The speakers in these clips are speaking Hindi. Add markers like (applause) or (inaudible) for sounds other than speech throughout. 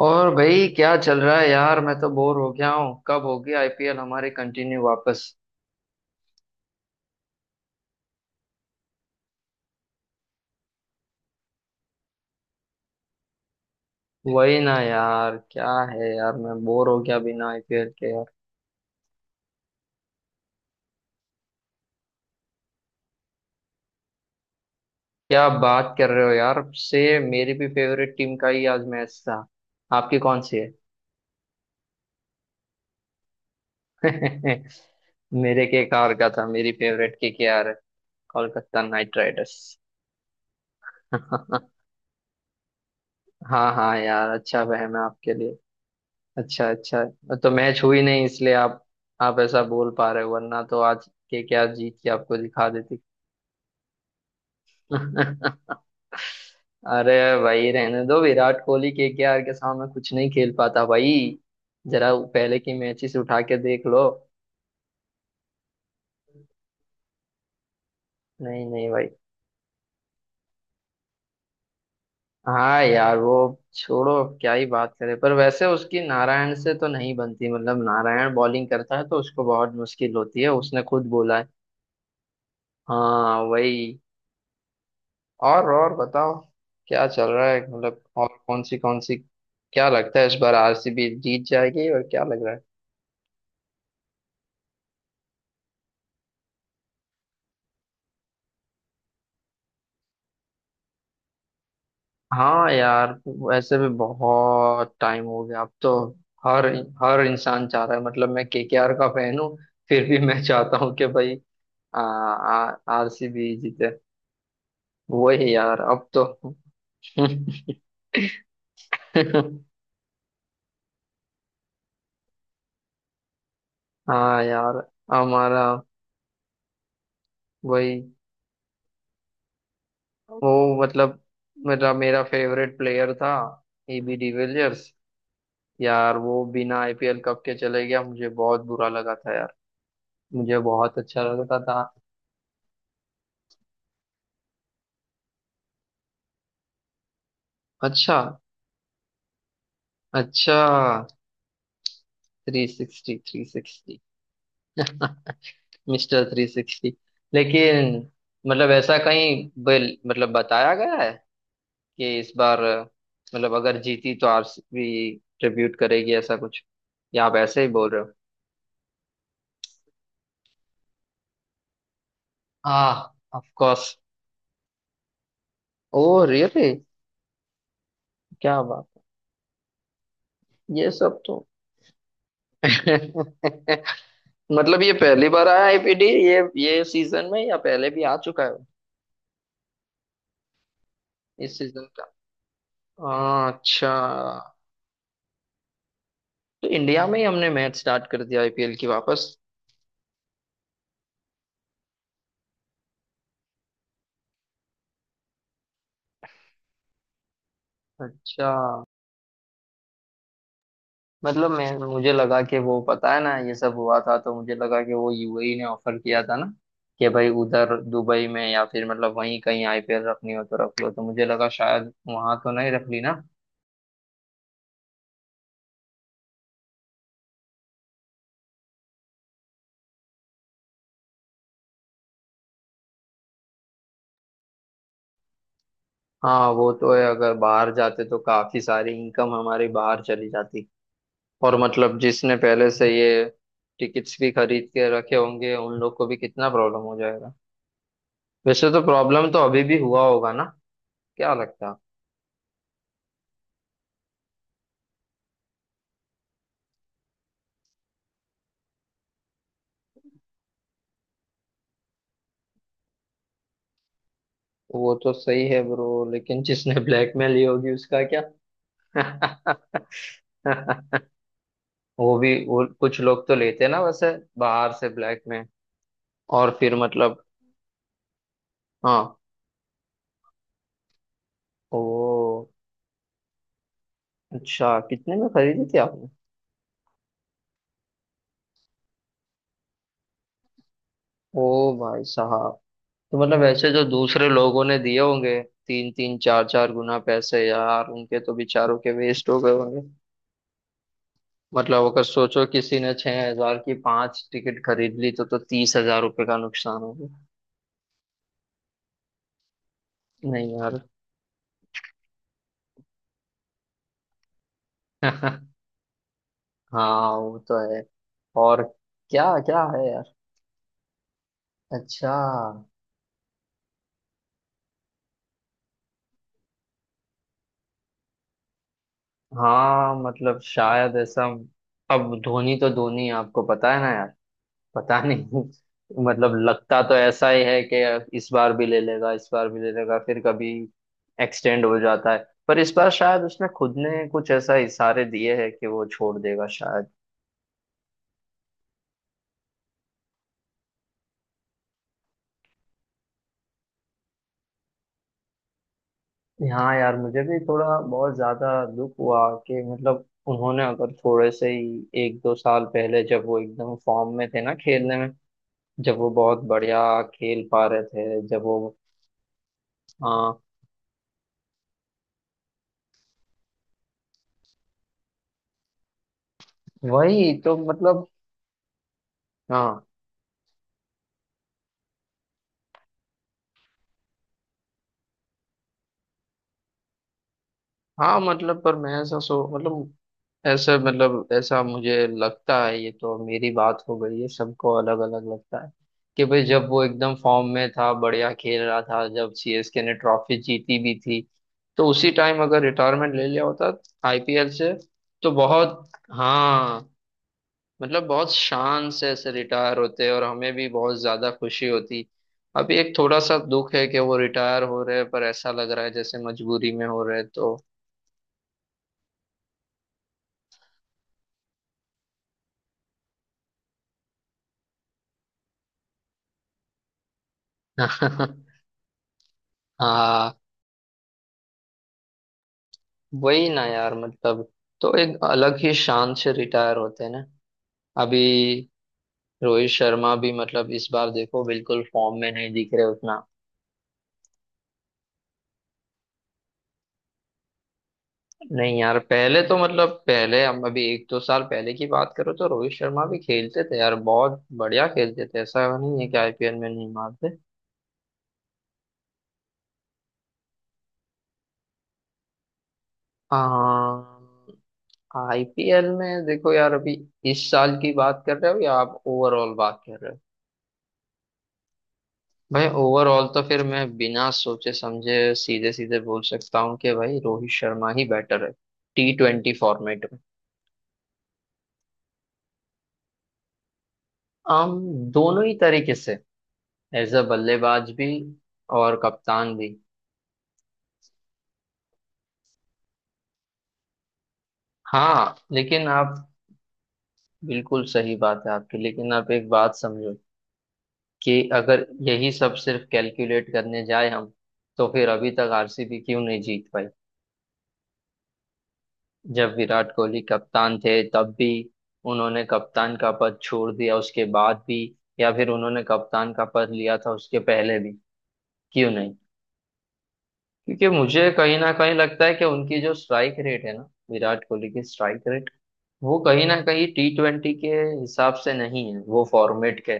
और भाई क्या चल रहा है यार। मैं तो बोर हो गया हूँ। कब होगी आईपीएल हमारी कंटिन्यू वापस। वही ना यार। क्या है यार, मैं बोर हो गया बिना आईपीएल के यार। क्या बात कर रहे हो यार से। मेरी भी फेवरेट टीम का ही आज मैच था। आपकी कौन सी है? (laughs) मेरे के केकेआर का था। मेरी फेवरेट केकेआर है, कोलकाता नाइट राइडर्स। (laughs) हाँ हाँ यार, अच्छा वह है आपके लिए। अच्छा अच्छा। तो मैच हुई नहीं इसलिए आप ऐसा बोल पा रहे हो, वरना तो आज के क्या जीत के आपको दिखा देती। (laughs) अरे भाई रहने दो, विराट कोहली के आर के सामने कुछ नहीं खेल पाता भाई। जरा पहले की मैचेस उठा के देख लो। नहीं नहीं भाई। हाँ यार वो, छोड़ो अब क्या ही बात करें। पर वैसे उसकी नारायण से तो नहीं बनती, मतलब नारायण बॉलिंग करता है तो उसको बहुत मुश्किल होती है, उसने खुद बोला है। हाँ वही। और बताओ क्या चल रहा है। मतलब और कौन सी कौन सी, क्या लगता है इस बार आरसीबी जीत जाएगी? और क्या लग रहा है? हाँ यार वैसे भी बहुत टाइम हो गया अब तो। हर हर इंसान चाह रहा है। मतलब मैं केकेआर का फैन हूँ, फिर भी मैं चाहता हूँ कि भाई आ, आ, आरसीबी जीते। वही यार, अब तो। (laughs) हाँ यार हमारा, वही, वो मतलब मेरा मेरा फेवरेट प्लेयर था, एबी डिविलियर्स। यार वो बिना आईपीएल कप के चले गया, मुझे बहुत बुरा लगा था यार। मुझे बहुत अच्छा लगता था। अच्छा, अच्छा। Three sixty, three sixty. (laughs) Mister three sixty. लेकिन मतलब ऐसा कहीं बिल, मतलब बताया गया है कि इस बार मतलब अगर जीती तो आरसीबी ट्रिब्यूट करेगी, ऐसा कुछ? या आप ऐसे ही बोल रहे हो? हाँ ऑफ कोर्स। Oh really. क्या बात। ये सब तो। (laughs) मतलब ये पहली बार आया आईपीडी, ये सीजन में, या पहले भी आ चुका है? इस सीजन का। हाँ, अच्छा। तो इंडिया में ही हमने मैच स्टार्ट कर दिया आईपीएल की वापस। अच्छा। मतलब मैं मुझे लगा कि वो पता है ना ये सब हुआ था, तो मुझे लगा कि वो यूएई ने ऑफर किया था ना, कि भाई उधर दुबई में या फिर मतलब वहीं कहीं आईपीएल रखनी हो तो रख लो, तो मुझे लगा शायद वहां तो नहीं रख ली ना। हाँ वो तो है। अगर बाहर जाते तो काफी सारी इनकम हमारी बाहर चली जाती। और मतलब जिसने पहले से ये टिकट्स भी खरीद के रखे होंगे उन लोग को भी कितना प्रॉब्लम हो जाएगा। वैसे तो प्रॉब्लम तो अभी भी हुआ होगा ना, क्या लगता है? वो तो सही है ब्रो, लेकिन जिसने ब्लैकमेल ली होगी उसका क्या? (laughs) वो भी, वो कुछ लोग तो लेते हैं ना वैसे, बाहर से ब्लैक में। और फिर मतलब हाँ। ओ अच्छा, कितने में खरीदी थी आपने? ओ भाई साहब। तो मतलब ऐसे जो दूसरे लोगों ने दिए होंगे तीन तीन चार चार गुना पैसे यार, उनके तो बेचारों के वेस्ट हो गए होंगे। मतलब अगर सोचो किसी ने 6,000 की 5 टिकट खरीद ली तो 30,000 रुपये का नुकसान हो गया। नहीं यार। (laughs) हाँ वो तो है। और क्या क्या है यार। अच्छा। हाँ मतलब शायद ऐसा। अब धोनी तो धोनी है, आपको पता है ना। पता नहीं। (laughs) मतलब लगता तो ऐसा ही है कि इस बार भी ले लेगा, इस बार भी ले लेगा, फिर कभी एक्सटेंड हो जाता है। पर इस बार शायद उसने खुद ने कुछ ऐसा इशारे दिए हैं कि वो छोड़ देगा शायद। हाँ यार मुझे भी थोड़ा बहुत ज्यादा दुख हुआ कि मतलब उन्होंने अगर थोड़े से ही एक दो साल पहले जब वो एकदम फॉर्म में थे ना, खेलने में जब वो बहुत बढ़िया खेल पा रहे थे, जब वो, हाँ वही तो मतलब, हाँ हाँ मतलब पर मैं ऐसा सो मतलब ऐसा मुझे लगता है, ये तो मेरी बात हो गई है, सबको अलग अलग लगता है। कि भाई जब वो एकदम फॉर्म में था, बढ़िया खेल रहा था, जब सीएसके ने ट्रॉफी जीती भी थी, तो उसी टाइम अगर रिटायरमेंट ले लिया होता आईपीएल से, तो बहुत, हाँ मतलब बहुत शान से ऐसे रिटायर होते और हमें भी बहुत ज्यादा खुशी होती। अभी एक थोड़ा सा दुख है कि वो रिटायर हो रहे हैं, पर ऐसा लग रहा है जैसे मजबूरी में हो रहे हैं, तो। (laughs) हाँ वही ना यार, मतलब, तो एक अलग ही शान से रिटायर होते हैं ना। अभी रोहित शर्मा भी मतलब इस बार देखो बिल्कुल फॉर्म में नहीं दिख रहे उतना। नहीं यार, पहले तो मतलब पहले हम अभी एक दो साल पहले की बात करो तो रोहित शर्मा भी खेलते थे यार, बहुत बढ़िया खेलते थे, ऐसा नहीं है कि आईपीएल में नहीं मारते। आईपीएल में देखो यार, अभी इस साल की बात कर रहे हो या आप ओवरऑल बात कर रहे हो? भाई ओवरऑल तो फिर मैं बिना सोचे समझे सीधे सीधे बोल सकता हूँ कि भाई रोहित शर्मा ही बेटर है, टी ट्वेंटी फॉर्मेट में। आम, दोनों ही तरीके से, एज अ बल्लेबाज भी और कप्तान भी। हाँ लेकिन आप, बिल्कुल सही बात है आपकी, लेकिन आप एक बात समझो कि अगर यही सब सिर्फ कैलकुलेट करने जाए हम, तो फिर अभी तक आरसीबी क्यों नहीं जीत पाई? जब विराट कोहली कप्तान थे तब भी, उन्होंने कप्तान का पद छोड़ दिया उसके बाद भी, या फिर उन्होंने कप्तान का पद लिया था उसके पहले भी, क्यों नहीं? क्योंकि मुझे कहीं ना कहीं लगता है कि उनकी जो स्ट्राइक रेट है ना, विराट कोहली की स्ट्राइक रेट, वो कहीं ना कहीं टी ट्वेंटी के हिसाब से नहीं है, वो फॉर्मेट के।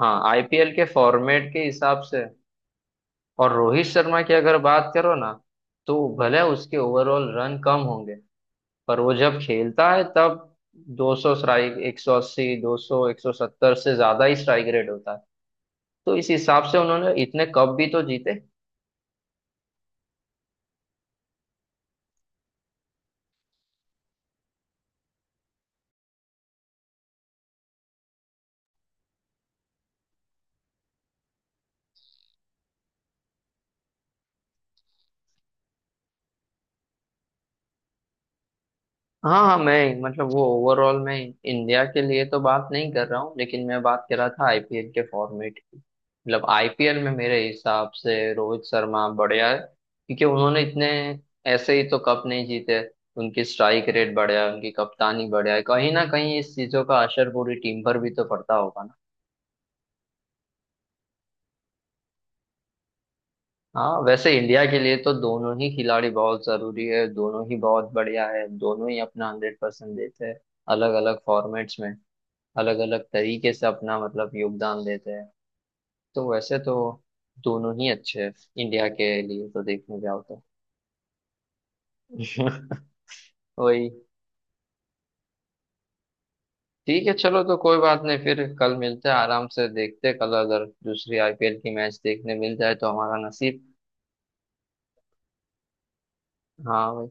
हाँ आईपीएल के फॉर्मेट के हिसाब से है। और रोहित शर्मा की अगर बात करो ना, तो भले उसके ओवरऑल रन कम होंगे, पर वो जब खेलता है तब 200 स्ट्राइक, 180, 200, 170 से ज्यादा ही स्ट्राइक रेट होता है। तो इस हिसाब से उन्होंने इतने कप भी तो जीते। हाँ हाँ, मैं मतलब वो ओवरऑल मैं इंडिया के लिए तो बात नहीं कर रहा हूँ, लेकिन मैं बात कर रहा था आईपीएल के फॉर्मेट की। मतलब आईपीएल में मेरे हिसाब से रोहित शर्मा बढ़िया है, क्योंकि उन्होंने इतने ऐसे ही तो कप नहीं जीते। उनकी स्ट्राइक रेट बढ़िया है, उनकी कप्तानी बढ़िया है, कहीं ना कहीं इस चीजों का असर पूरी टीम पर भी तो पड़ता होगा ना। हाँ वैसे इंडिया के लिए तो दोनों ही खिलाड़ी बहुत जरूरी है, दोनों ही बहुत बढ़िया है, दोनों ही अपना 100% देते हैं, अलग अलग फॉर्मेट्स में, अलग अलग तरीके से अपना मतलब योगदान देते हैं। तो वैसे तो दोनों ही अच्छे हैं, इंडिया के लिए तो देखने जाओ तो। (laughs) वही। ठीक है चलो, तो कोई बात नहीं, फिर कल मिलते हैं आराम से, देखते हैं कल अगर दूसरी आईपीएल की मैच देखने मिल जाए तो हमारा नसीब। हाँ।